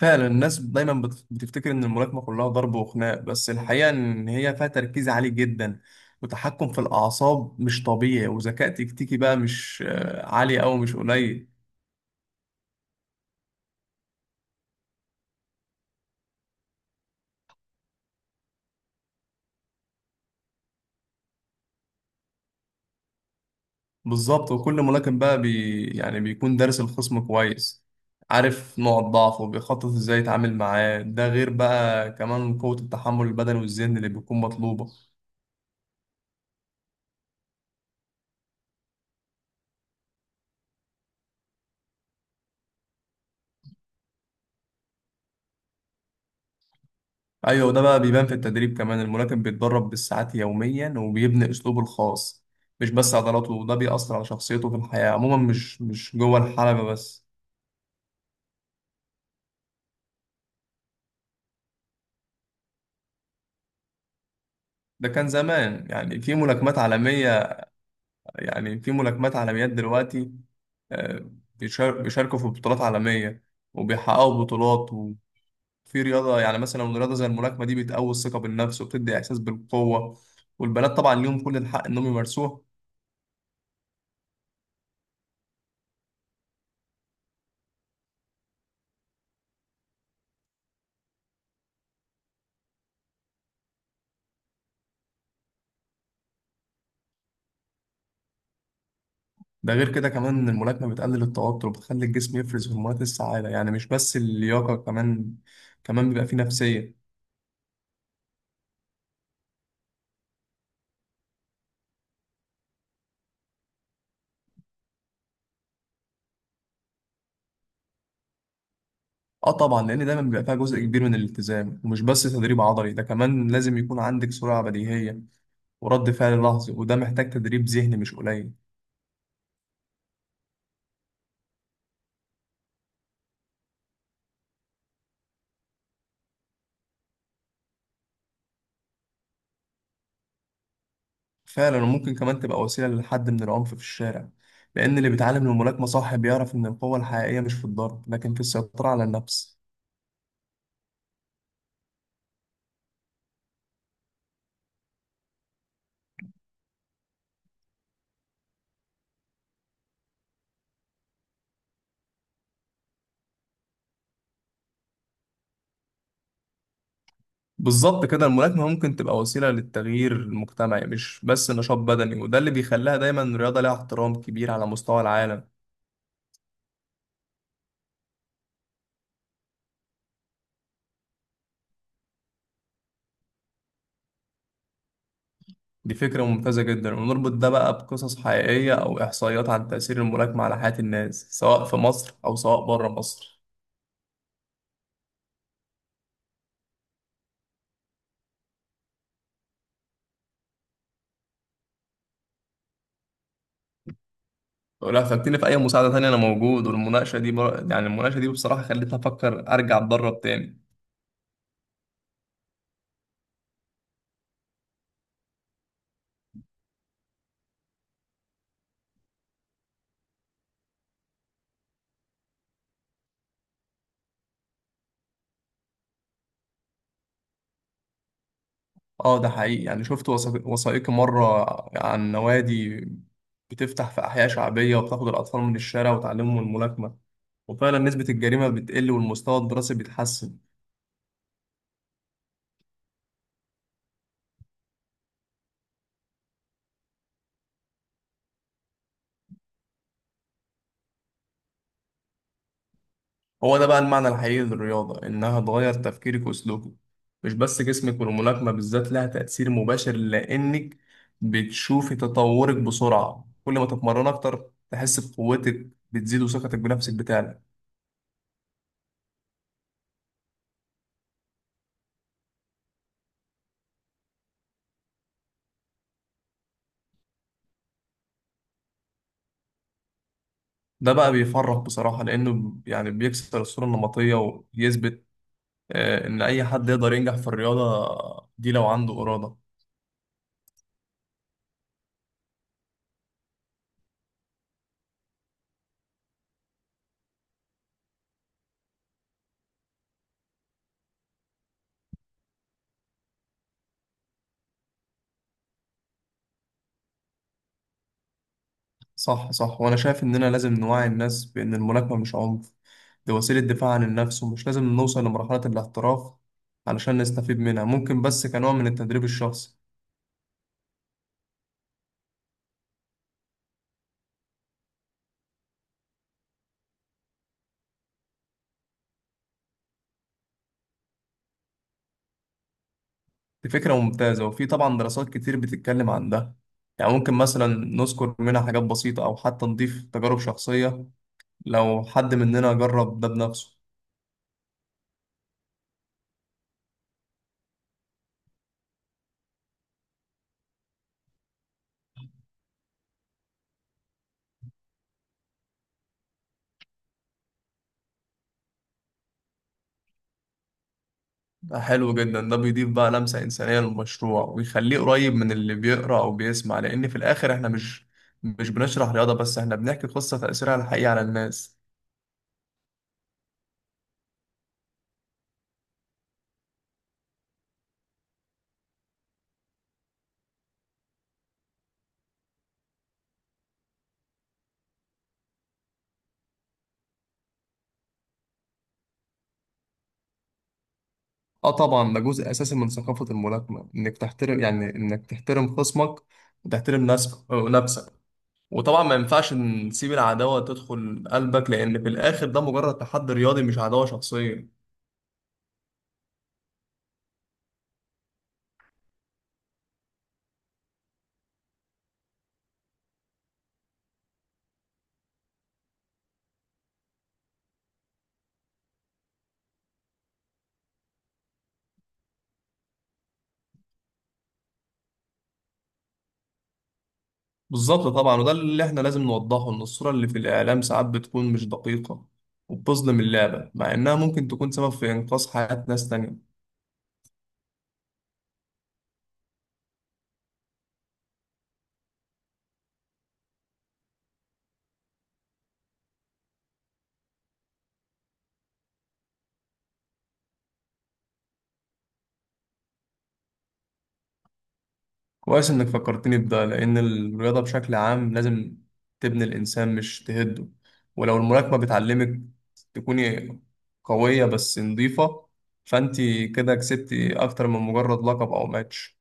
فعلا، الناس دايما بتفتكر ان الملاكمه كلها ضرب وخناق، بس الحقيقه ان هي فيها تركيز عالي جدا، وتحكم في الاعصاب مش طبيعي، وذكاء تكتيكي بقى مش عالي او مش قليل. بالظبط. وكل ملاكم بقى يعني بيكون دارس الخصم كويس، عارف نوع الضعف وبيخطط ازاي يتعامل معاه. ده غير بقى كمان قوة التحمل البدني والذهني اللي بيكون مطلوبة. ايوه، ده بقى بيبان في التدريب كمان. الملاكم بيتدرب بالساعات يوميا وبيبني اسلوبه الخاص، مش بس عضلاته. وده بيأثر على شخصيته في الحياة عموما، مش جوه الحلبة بس. ده كان زمان، يعني في ملاكمات عالمية. يعني في ملاكمات عالميات دلوقتي، بيشاركوا في بطولات عالمية وبيحققوا بطولات. وفي رياضة، يعني مثلا رياضة زي الملاكمة دي بتقوي الثقة بالنفس وبتدي إحساس بالقوة. والبنات طبعا ليهم كل الحق إنهم يمارسوها. ده غير كده كمان إن الملاكمة بتقلل التوتر وبتخلي الجسم يفرز هرمونات السعادة، يعني مش بس اللياقة. كمان بيبقى فيه نفسية. اه طبعا، لأن دايما بيبقى فيها جزء كبير من الالتزام، ومش بس تدريب عضلي. ده كمان لازم يكون عندك سرعة بديهية ورد فعل لحظي، وده محتاج تدريب ذهني مش قليل. فعلا، وممكن كمان تبقى وسيلة لحد من العنف في الشارع، لأن اللي بيتعلم الملاكمة صح بيعرف إن القوة الحقيقية مش في الضرب، لكن في السيطرة على النفس. بالظبط كده، الملاكمة ممكن تبقى وسيلة للتغيير المجتمعي، مش بس نشاط بدني. وده اللي بيخليها دايما رياضة ليها احترام كبير على مستوى العالم. دي فكرة ممتازة جدا، ونربط ده بقى بقصص حقيقية أو إحصائيات عن تأثير الملاكمة على حياة الناس، سواء في مصر أو سواء بره مصر. ولو احتجتني في أي مساعدة تانية أنا موجود. والمناقشة دي بر... يعني المناقشة دي بصراحة خلتني أفكر أرجع أتدرب تاني. اه، ده حقيقي. يعني شفت وثائقي مرة عن نوادي بتفتح في أحياء شعبية، وبتاخد الأطفال من الشارع وتعلمهم الملاكمة، وفعلا نسبة الجريمة بتقل والمستوى الدراسي بيتحسن. هو ده بقى المعنى الحقيقي للرياضة، إنها تغير تفكيرك وسلوكك، مش بس جسمك. والملاكمة بالذات لها تأثير مباشر، لأنك بتشوفي تطورك بسرعة، كل ما تتمرن أكتر تحس بقوتك بتزيد وثقتك بنفسك بتعلى. ده بقى بيفرح بصراحة، لأنه يعني بيكسر الصورة النمطية ويثبت إن أي حد يقدر ينجح في الرياضة دي لو عنده إرادة. صح صح، وانا شايف اننا لازم نوعي الناس بان الملاكمه مش عنف، دي وسيله دفاع عن النفس. ومش لازم نوصل لمرحله الاحتراف علشان نستفيد منها، ممكن بس كنوع من التدريب الشخصي. دي فكره ممتازه، وفي طبعا دراسات كتير بتتكلم عن ده. يعني ممكن مثلا نذكر منها حاجات بسيطه، او حتى نضيف تجارب شخصيه لو حد مننا جرب ده بنفسه. ده حلو جدا، ده بيضيف بقى لمسة إنسانية للمشروع ويخليه قريب من اللي بيقرأ أو بيسمع، لأن في الآخر إحنا مش بنشرح رياضة بس، إحنا بنحكي قصة تأثيرها على الحقيقة على الناس. آه طبعا، ده جزء أساسي من ثقافة الملاكمة، إنك تحترم يعني إنك تحترم خصمك وتحترم نفسك. وطبعا ما ينفعش نسيب العداوة تدخل قلبك، لأن في الآخر ده مجرد تحدي رياضي مش عداوة شخصية. بالظبط طبعا، وده اللي احنا لازم نوضحه، ان الصورة اللي في الإعلام ساعات بتكون مش دقيقة وبتظلم اللعبة، مع إنها ممكن تكون سبب في إنقاذ حياة ناس تانية. كويس إنك فكرتني بده، لأن الرياضة بشكل عام لازم تبني الإنسان مش تهده. ولو الملاكمة بتعلمك تكوني قوية بس نضيفة، فأنت كده كسبتي أكتر من مجرد لقب أو ماتش.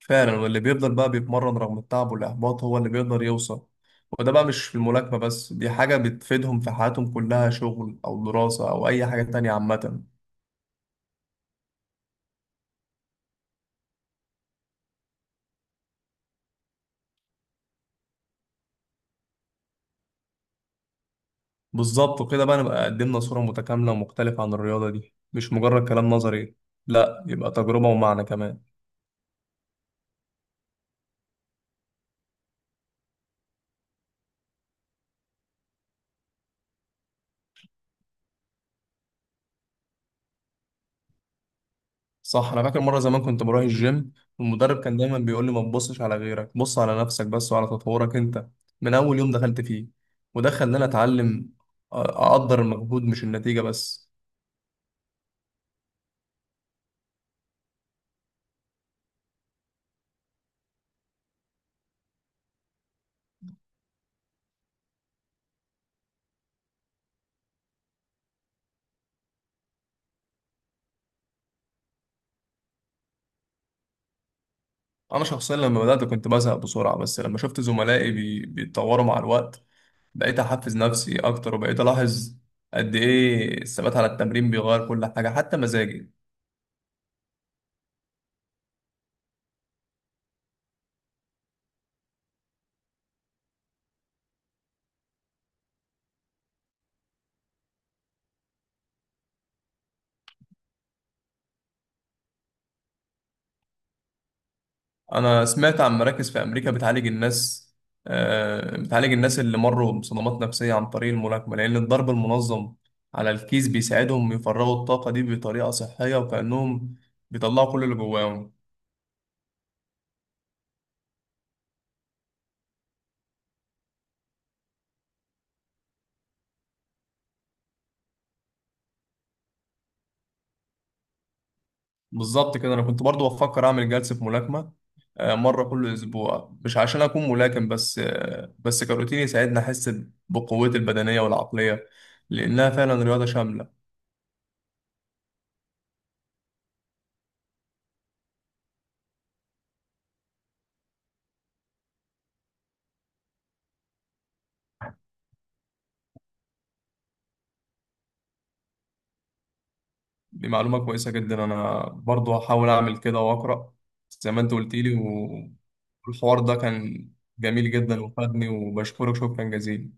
فعلا، واللي بيفضل بقى بيتمرن رغم التعب والإحباط هو اللي بيقدر يوصل. وده بقى مش في الملاكمة بس، دي حاجة بتفيدهم في حياتهم كلها، شغل أو دراسة أو أي حاجة تانية عامة. بالظبط، وكده بقى نبقى قدمنا صورة متكاملة ومختلفة عن الرياضة دي، مش مجرد كلام نظري. لا، يبقى تجربة ومعنى كمان. صح، أنا فاكر مرة زمان كنت بروح الجيم، والمدرب كان دايما بيقول لي ما تبصش على غيرك، بص على نفسك بس وعلى تطورك أنت من أول يوم دخلت فيه. وده خلاني أتعلم أقدر المجهود مش النتيجة بس. انا شخصيا لما بدات كنت بزهق بسرعه، بس لما شفت زملائي بيتطوروا مع الوقت، بقيت احفز نفسي اكتر وبقيت الاحظ قد ايه الثبات على التمرين بيغير كل حاجه حتى مزاجي. انا سمعت عن مراكز في امريكا بتعالج الناس اللي مروا بصدمات نفسيه عن طريق الملاكمه، لان الضرب المنظم على الكيس بيساعدهم يفرغوا الطاقه دي بطريقه صحيه، وكانهم بيطلعوا كل اللي جواهم. بالظبط كده، انا كنت برضو بفكر اعمل جلسة ملاكمة مرة كل اسبوع، مش عشان اكون ملاكم بس، بس كروتين يساعدني احس بقوتي البدنية والعقلية، لانها فعلا رياضة شاملة. دي معلومة كويسة جدا، انا برضو هحاول اعمل كده واقرا زي ما انت قلت لي. والحوار ده كان جميل جدا وفادني، وبشكرك شكرا جزيلا.